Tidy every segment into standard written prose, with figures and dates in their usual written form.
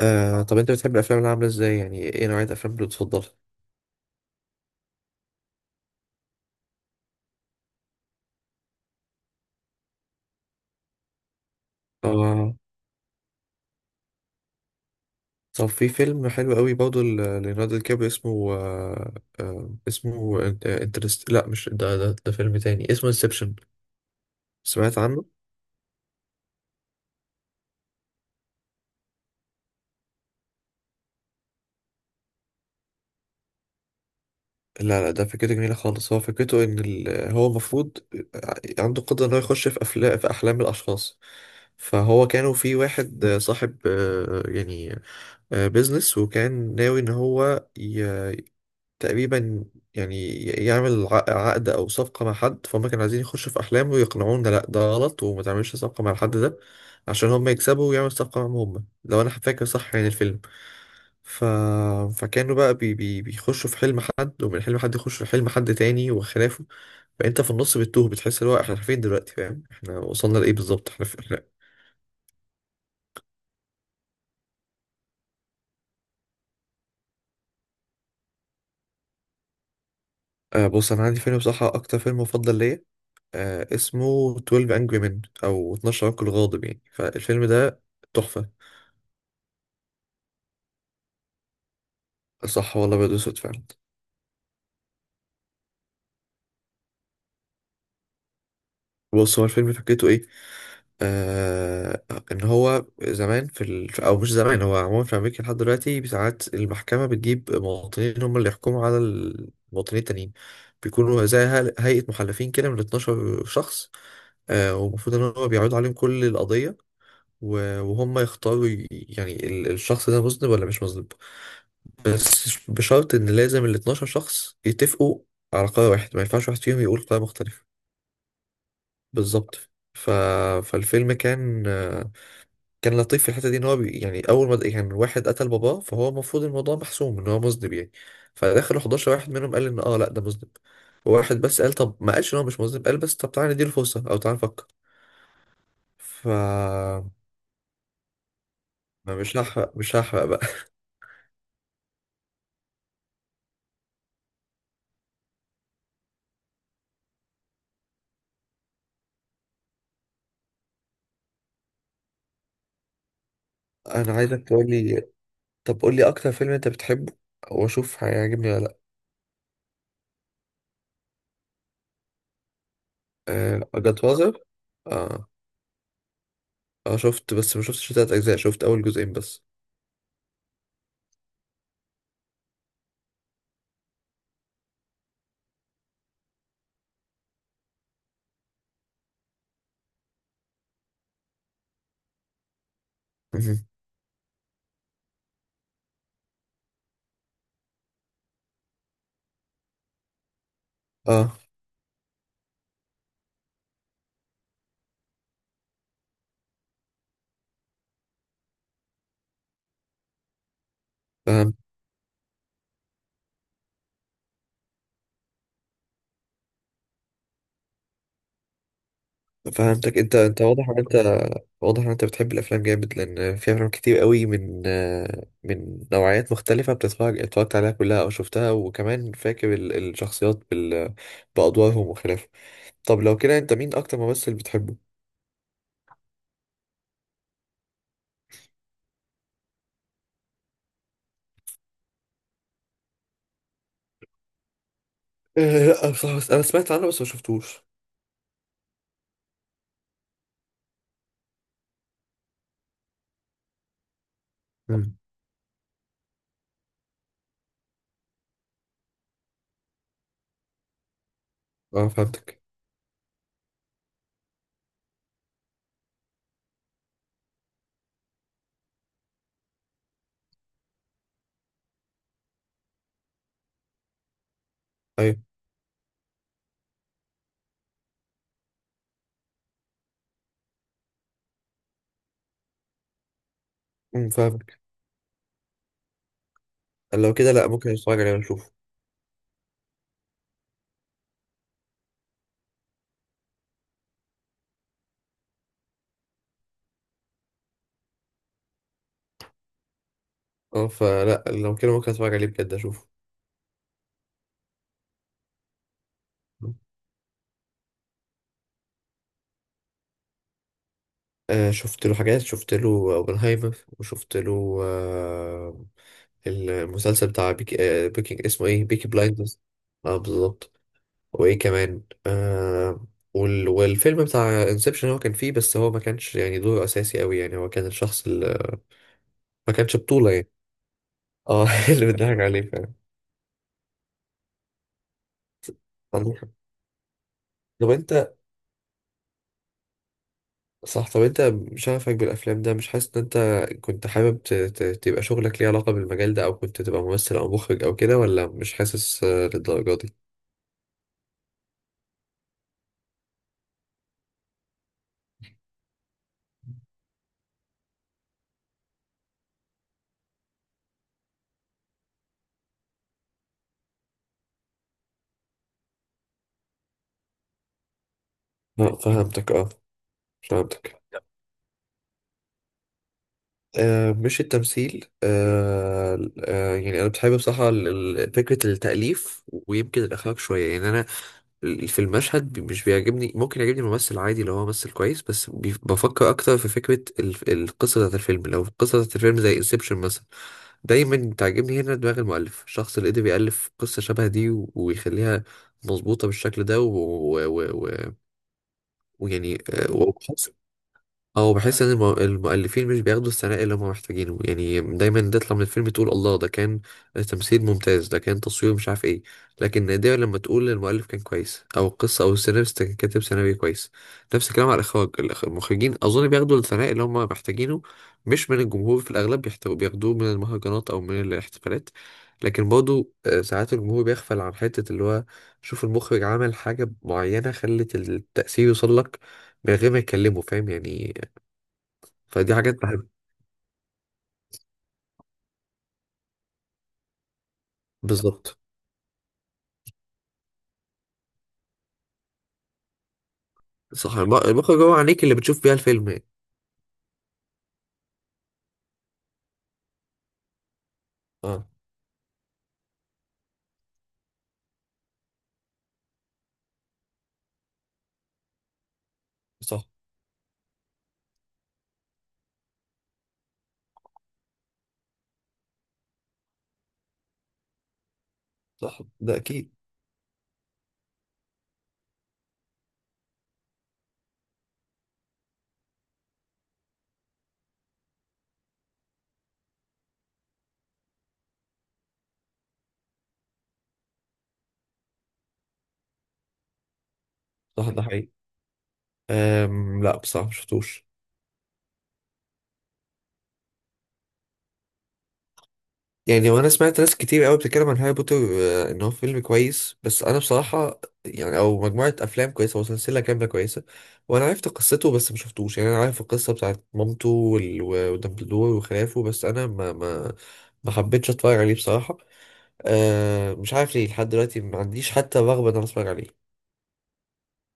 آه، طب انت بتحب الافلام اللي عامله ازاي، يعني ايه نوعيه الافلام اللي بتفضلها؟ آه طب في فيلم حلو قوي برضه ليوناردو دي كابريو اسمه اسمه انترست. لا، مش ده فيلم تاني اسمه انسبشن. سمعت عنه؟ لا، لا، ده فكرته جميله خالص. هو فكرته هو المفروض عنده قدره ان هو يخش في افلام، في احلام الاشخاص. فهو كانوا في واحد صاحب يعني بيزنس، وكان ناوي ان هو تقريبا يعني يعمل عقد او صفقه مع حد، فهم كانوا عايزين يخشوا في احلامه ويقنعونا لا ده غلط وما تعملش صفقه مع الحد ده، عشان هم يكسبوا ويعملوا صفقه معاهم هم، لو انا فاكر صح يعني الفيلم. ف... فكانوا بقى بيخشوا في حلم حد، ومن حلم حد يخشوا في حلم حد تاني وخلافه. فانت في النص بتتوه، بتحس اللي هو احنا فين دلوقتي، فاهم؟ احنا وصلنا لايه بالظبط؟ آه، بص انا عندي فيلم، بصراحه اكتر فيلم مفضل ليا، اسمه 12 Angry Men أو 12 رجل غاضب، يعني فالفيلم ده تحفة. صح والله، بيض أسود فعلا. بص، هو الفيلم فكرته إيه؟ آه إن هو زمان أو مش زمان، هو عموما في أمريكا لحد دلوقتي، ساعات المحكمة بتجيب مواطنين هم اللي يحكموا على المواطنين التانيين. بيكونوا زي هيئة محلفين كده من 12 شخص. ومفروض إن هو بيعرضوا عليهم كل القضية، وهم يختاروا يعني الشخص ده مذنب ولا مش مذنب. بس بشرط ان لازم ال 12 شخص يتفقوا على قرار واحد، ما ينفعش واحد فيهم يقول قرار مختلف. بالظبط. ف... فالفيلم كان لطيف في الحته دي، ان هو يعني اول ما يعني واحد قتل باباه، فهو المفروض الموضوع محسوم ان هو مذنب يعني. فدخلوا 11 واحد منهم قال ان لا ده مذنب. وواحد بس قال، طب ما قالش ان هو مش مذنب، قال بس طب تعالى نديله فرصه، او تعالى نفكر. ف ما مش هحرق، مش هحرق بقى. انا عايزك تقول لي. طب قول لي اكتر فيلم انت بتحبه، واشوف هيعجبني ولا لا. آه، جاد فازر. اه، اه، شفت بس ما شفتش تلات اجزاء، شفت اول جزئين بس. مهم. اه، فهمت. فهمتك. انت واضح ان انت بتحب الافلام جامد، لان في افلام كتير قوي من من نوعيات مختلفه، اتفرجت عليها كلها او شفتها، وكمان فاكر الشخصيات بادوارهم وخلافه. طب لو كده، انت مين اكتر ممثل بتحبه؟ لا بصراحة، بس انا سمعت عنه بس ما شفتوش. مم. اه، فهمتك. أيوة. فاهمك. لو كده، لا، ممكن اتفرج عليه اشوفه. اه، فلا لو كده ممكن اتفرج عليه بجد اشوفه. آه، شفت له حاجات، شفت له اوبنهايمر، وشفت له المسلسل بتاع بيكي، اسمه ايه، بيكي بلايندرز. اه، بالظبط. وايه كمان؟ والفيلم بتاع انسبشن هو كان فيه، بس هو ما كانش يعني دوره اساسي قوي، يعني هو كان الشخص اللي ما كانش بطولة يعني. اه، اللي بنضحك عليه فعلا. عندك حق. طب انت صح، طب انت شغفك بالافلام ده، مش حاسس ان انت كنت حابب تبقى شغلك ليه علاقة بالمجال ده، او كنت تبقى ممثل او مخرج او كده، ولا مش حاسس للدرجة دي؟ لا، فهمتك اه. فهمتك. مش التمثيل. يعني انا بحب بصراحه فكره التاليف، ويمكن الاخراج شويه، يعني انا في المشهد مش بيعجبني، ممكن يعجبني ممثل عادي لو هو ممثل كويس، بس بفكر اكتر في فكره القصه بتاعت الفيلم، لو القصه بتاعت الفيلم زي انسبشن مثلا، دايما تعجبني هنا دماغ المؤلف، الشخص اللي قدر يألف قصه شبه دي ويخليها مظبوطه بالشكل ده. ويعني و... و... و... و- ويعني، آه، اه، بحس ان المؤلفين مش بياخدوا الثناء اللي هم محتاجينه، يعني دايما تطلع من الفيلم تقول الله، ده كان تمثيل ممتاز، ده كان تصوير، مش عارف ايه. لكن نادرا لما تقول المؤلف كان كويس، او القصه، او السيناريست كان كاتب سيناريو كويس. نفس الكلام على الاخراج. المخرجين اظن بياخدوا الثناء اللي هم محتاجينه، مش من الجمهور في الاغلب، بياخدوه من المهرجانات او من الاحتفالات. لكن برضه ساعات الجمهور بيغفل عن حته، اللي هو شوف، المخرج عمل حاجه معينه خلت التاثير يوصل لك من غير ما يكلمه، فاهم يعني. فدي حاجات بحب. بالظبط. صح، المخرج هو عينيك اللي بتشوف بيها الفيلم يعني. اه، صح. صح ده اكيد. صح، ده حقيقي. لا بصراحة، مشفتوش. يعني وانا سمعت ناس كتير قوي بتتكلم عن هاري بوتر، ان هو فيلم كويس، بس انا بصراحة يعني، او مجموعة افلام كويسة، او سلسلة كاملة كويسة. وانا عرفت قصته بس ما شفتوش، يعني انا عارف القصة بتاعت مامته ودامبلدور وخلافه، بس انا ما حبيتش اتفرج عليه بصراحة. مش عارف ليه، لحد دلوقتي ما عنديش حتى رغبة ان انا اتفرج عليه.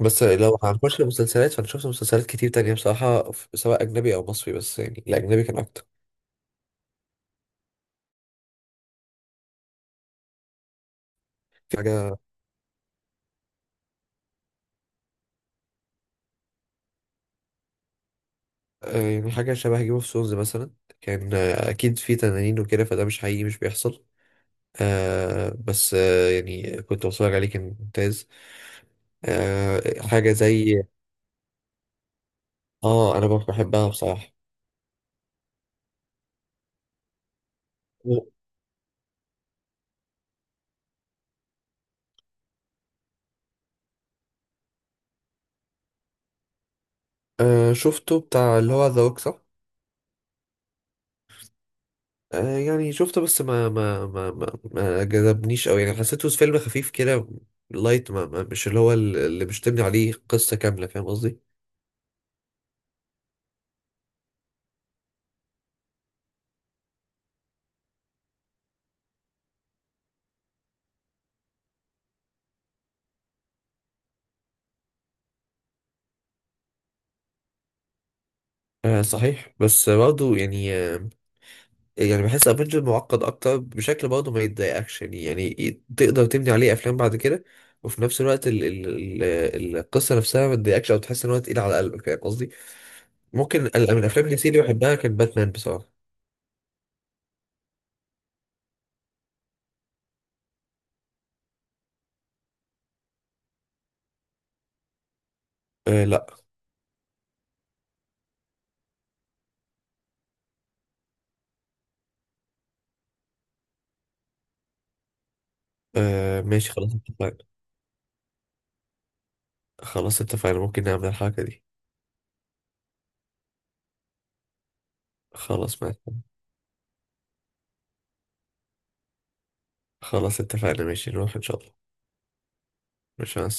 بس لو هنخش المسلسلات، فانا شفت مسلسلات كتير تانية بصراحة، سواء اجنبي او مصري، بس يعني الاجنبي كان اكتر. في حاجة يعني حاجة شبه جيم اوف سونز مثلا. كان اكيد في تنانين وكده، فده مش حقيقي، مش بيحصل. بس يعني كنت بتفرج عليه كان ممتاز. حاجة زي. اه، انا بحبها بصراحة. آه، شفته بتاع اللي هو ذا روك. يعني شفته، بس ما جذبنيش قوي، يعني حسيته فيلم خفيف كده، لايت. ما ما مش اللي هو اللي مش تبني عليه قصة كاملة، فاهم قصدي؟ آه صحيح، بس برضه يعني يعني بحس افنجر معقد اكتر بشكل، برضه ما يتضايقكش، تقدر تبني عليه افلام بعد كده، وفي نفس الوقت ال ال ال القصة نفسها ما تضايقكش او تحس ان هو تقيل على قلبك، فاهم قصدي؟ ممكن من الافلام اللي سيدي بحبها كان باتمان بصراحة. آه، لا. آه، ماشي، خلاص اتفقنا. خلاص اتفقنا، ممكن نعمل الحركة دي. خلاص ما. خلاص اتفقنا، ماشي، نروح إن شاء الله. مش، مع السلامة.